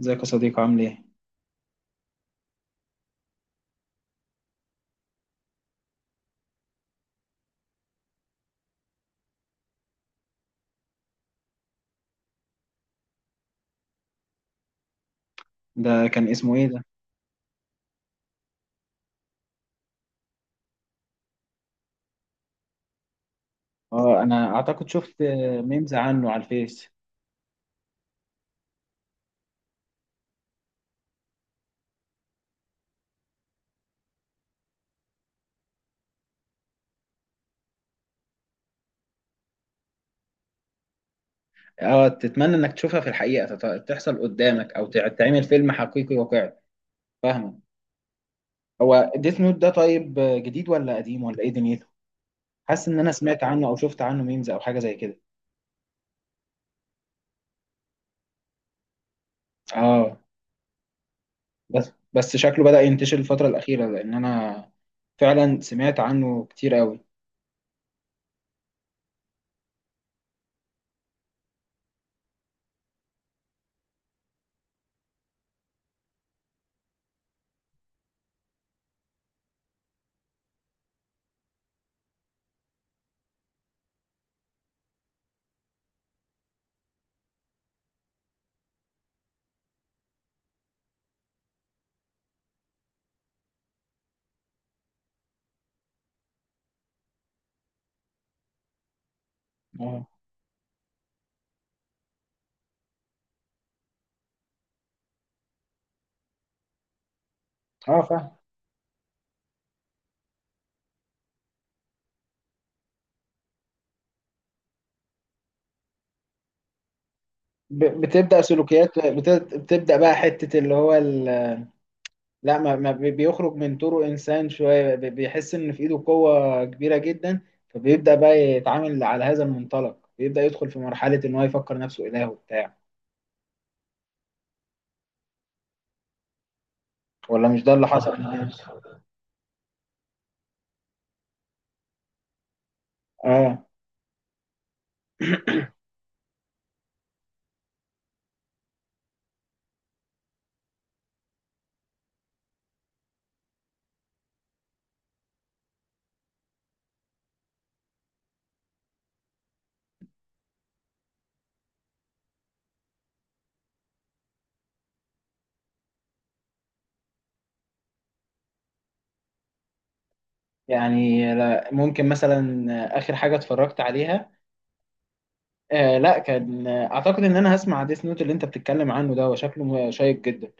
ازيك يا صديقي عامل ايه؟ ده كان اسمه ايه ده؟ اه، انا اعتقد شفت ميمز عنه على الفيس. اه، تتمنى انك تشوفها في الحقيقة، تحصل قدامك او تعمل فيلم حقيقي واقعي. فاهمة؟ هو ديث نوت ده طيب، جديد ولا قديم ولا ايه دنيته؟ حاسس ان انا سمعت عنه او شفت عنه ميمز او حاجة زي كده. اه. بس بس شكله بدأ ينتشر الفترة الأخيرة، لأن أنا فعلا سمعت عنه كتير قوي. اه. اه، فاهم. بتبدأ سلوكيات، بتبدأ بقى حتة اللي هو، لا ما بيخرج من طوره انسان شويه، بيحس ان في ايده قوه كبيره جدا، فبيبدا بقى يتعامل على هذا المنطلق، بيبدا يدخل في مرحله ان هو يفكر نفسه اله وبتاع. ولا مش ده اللي حصل؟ اه. يعني لا، ممكن مثلا اخر حاجه اتفرجت عليها، لا، كان، اعتقد ان انا هسمع ديس نوت اللي انت بتتكلم عنه ده، وشكله شيق جدا.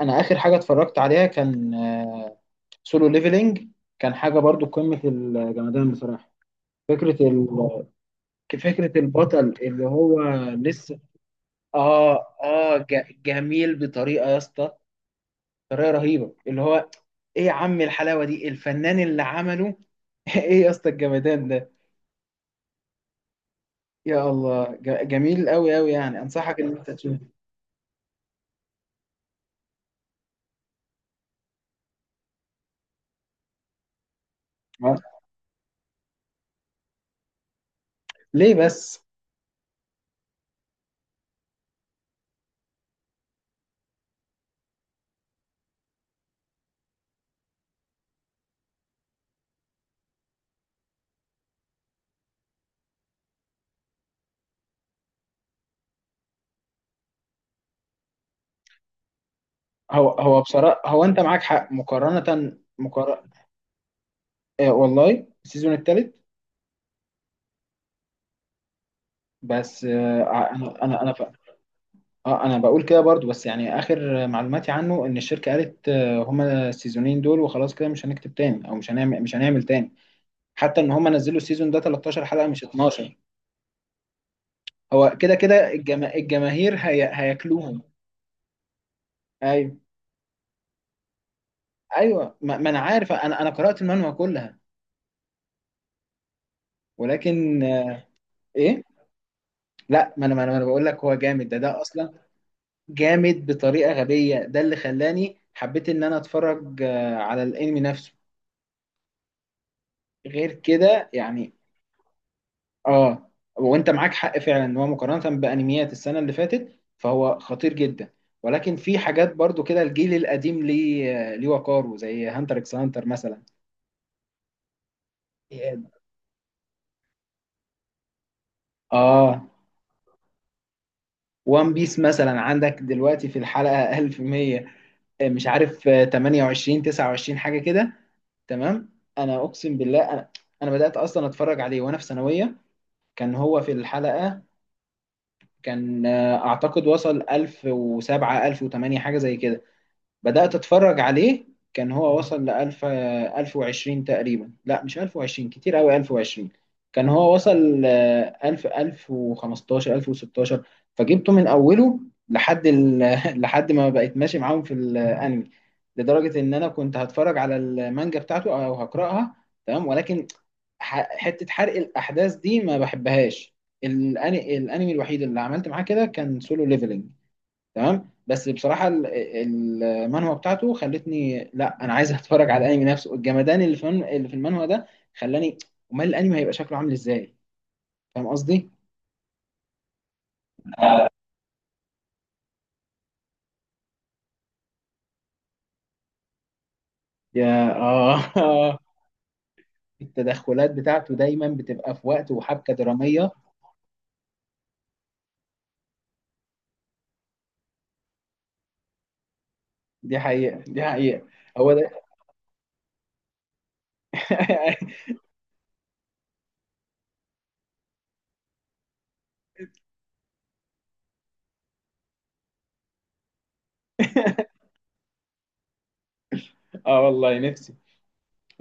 انا اخر حاجه اتفرجت عليها كان سولو ليفلينج. كان حاجه برضو قمه الجمدان بصراحه. فكره ال- فكرة البطل اللي هو لسه، اه. اه، جميل بطريقة يا اسطى، طريقة رهيبة اللي هو، ايه يا عم الحلاوة دي الفنان اللي عمله! ايه يا اسطى الجمدان ده. يا الله، جميل قوي قوي، يعني انصحك ان انت تشوف. آه. ليه بس؟ هو هو بصراحة، هو انت معاك حق، مقارنة مقارنة. آه، والله السيزون الثالث. بس انا. اه، انا بقول كده برضو، بس يعني اخر معلوماتي عنه ان الشركه قالت هما السيزونين دول وخلاص كده، مش هنكتب تاني، او مش هنعمل تاني. حتى ان هما نزلوا السيزون ده 13 حلقه مش 12. هو كده كده الجماهير هياكلوهم. ايوه. ايوه، ما انا عارف، انا قرات المانوا كلها. ولكن ايه. لا، ما أنا بقول لك هو جامد، ده اصلا جامد بطريقه غبيه. ده اللي خلاني حبيت ان انا اتفرج على الانمي نفسه، غير كده يعني. اه. وانت معاك حق فعلا، ان هو مقارنه بانميات السنه اللي فاتت فهو خطير جدا. ولكن في حاجات برضو كده الجيل القديم ليه ليه وقاره، زي هانتر اكس هانتر مثلا. اه. وان بيس مثلا عندك دلوقتي في الحلقه 1100، مش عارف، 28 29 حاجه كده. تمام. انا اقسم بالله، انا بدات اصلا اتفرج عليه وانا في ثانويه. كان هو في الحلقه، كان اعتقد وصل 1007 1008 حاجه زي كده. بدأت أتفرج عليه. كان هو وصل لألف، 1020 تقريبا. لا مش 1020، كتير أوي 1020. كان هو وصل ألف، 1015، 1016. فجبته من أوله لحد لحد ما بقيت ماشي معاهم في الأنمي. لدرجة إن أنا كنت هتفرج على المانجا بتاعته أو هقرأها. تمام، ولكن حتة حرق الأحداث دي ما بحبهاش. الأنمي الوحيد اللي عملت معاه كده كان سولو ليفلنج. تمام، بس بصراحه المانهوا بتاعته خلتني، لا انا عايز اتفرج على الانمي نفسه، الجمدان اللي في المانهوا ده خلاني. امال الانمي هيبقى شكله عامل ازاي؟ فاهم قصدي؟ يا اه. التدخلات بتاعته دايما بتبقى في وقت وحبكه دراميه. دي حقيقه دي حقيقه. هو ده. اه، والله نفسي.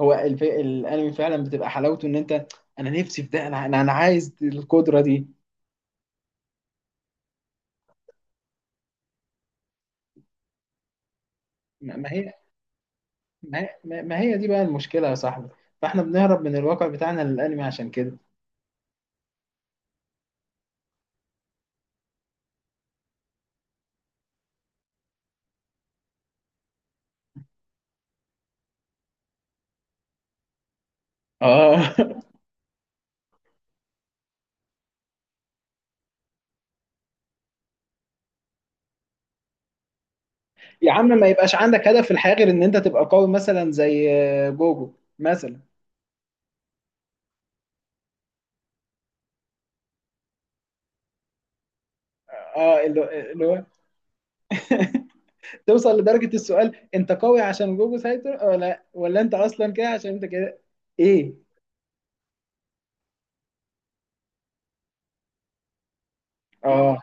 هو الانمي فعلا بتبقى حلاوته ان انت. انا نفسي في ده، انا انا أنا عايز القدره دي. ما ما هي ما هي دي بقى المشكلة يا صاحبي. فاحنا بنهرب من الواقع بتاعنا للأنمي عشان كده. اه. يا عم ما يبقاش عندك هدف في الحياة غير ان انت تبقى قوي، مثلا زي جوجو مثلا. اه، اللي هو توصل لدرجة السؤال: انت قوي عشان جوجو سايتر، ولا انت اصلا كده عشان انت كده؟ ايه. اه،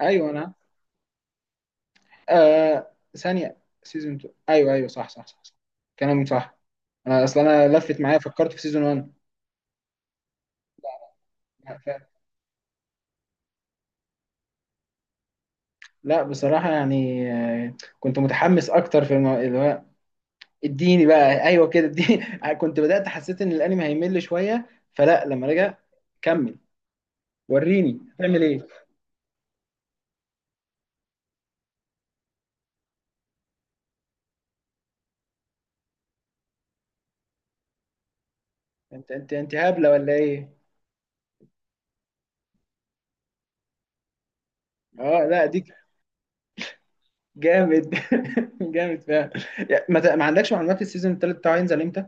ايوه انا. آه، ثانية. سيزون 2، ايوه ايوه. صح صح صح, صح. كلامك صح. اصل انا لفت معايا، فكرت في سيزون 1. لا بصراحة يعني، كنت متحمس أكتر في اللي هو اديني بقى، أيوه كده اديني. كنت بدأت حسيت إن الأنمي هيمل شوية، فلا. لما رجع، كمل وريني هتعمل إيه. أنت هبلة ولا إيه؟ أه لا ديك. جامد. جامد فعلا. يعني ما عندكش معلومات السيزون التالت بتاعه هينزل إمتى؟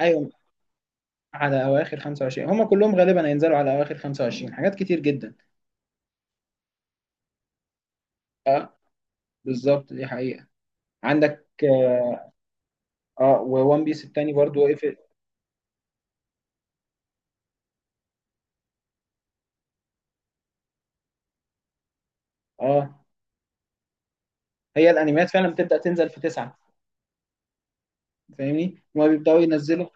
أيوه. على أواخر 25. هما كلهم غالبا هينزلوا على أواخر 25، حاجات كتير جدا. بالظبط، دي حقيقة. عندك وون بيس التاني برضو وقف. أه، هي الانميات فعلا بتبدا تنزل في تسعة. فاهمني؟ ان هو بيبداوا ينزلوا.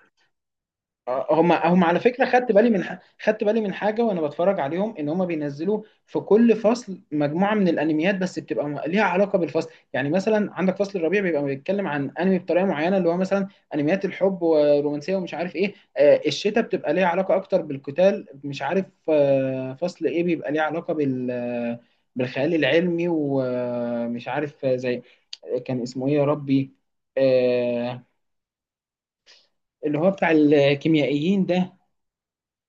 هم على فكره، خدت بالي من خدت بالي من حاجه وانا بتفرج عليهم، ان هم بينزلوا في كل فصل مجموعه من الانميات، بس بتبقى ليها علاقه بالفصل. يعني مثلا عندك فصل الربيع بيبقى بيتكلم عن انمي بطريقه معينه، اللي هو مثلا انميات الحب ورومانسيه ومش عارف ايه. الشتاء بتبقى ليها علاقه اكتر بالقتال. مش عارف فصل ايه بيبقى ليه علاقه بالخيال العلمي. ومش عارف زي، كان اسمه ايه يا ربي؟ آه، اللي هو بتاع الكيميائيين ده،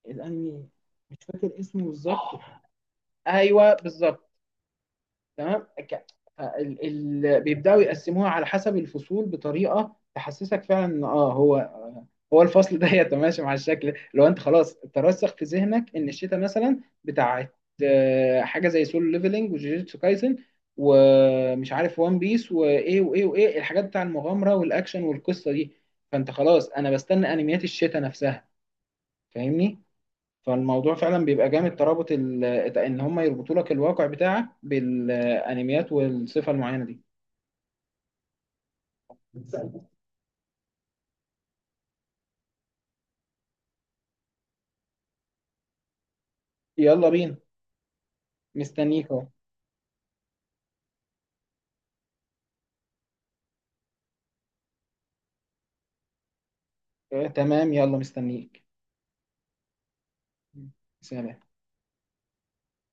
الانمي، مش فاكر اسمه بالظبط. ايوه بالظبط. تمام، ال... بيبداوا يقسموها على حسب الفصول بطريقه تحسسك فعلا ان هو هو الفصل ده يتماشى مع الشكل. لو انت خلاص ترسخ في ذهنك ان الشتاء مثلا بتاعت حاجه زي سولو ليفلنج وجوجيتسو كايسن، ومش عارف وان بيس وايه وايه وايه الحاجات بتاع المغامره والاكشن والقصه دي، فانت خلاص انا بستنى انميات الشتاء نفسها. فاهمني؟ فالموضوع فعلا بيبقى جامد، ترابط ان هم يربطوا لك الواقع بتاعك بالانميات والصفة المعينة دي. يلا بينا. مستنيك اهو. آه، تمام يلا مستنيك. سلام.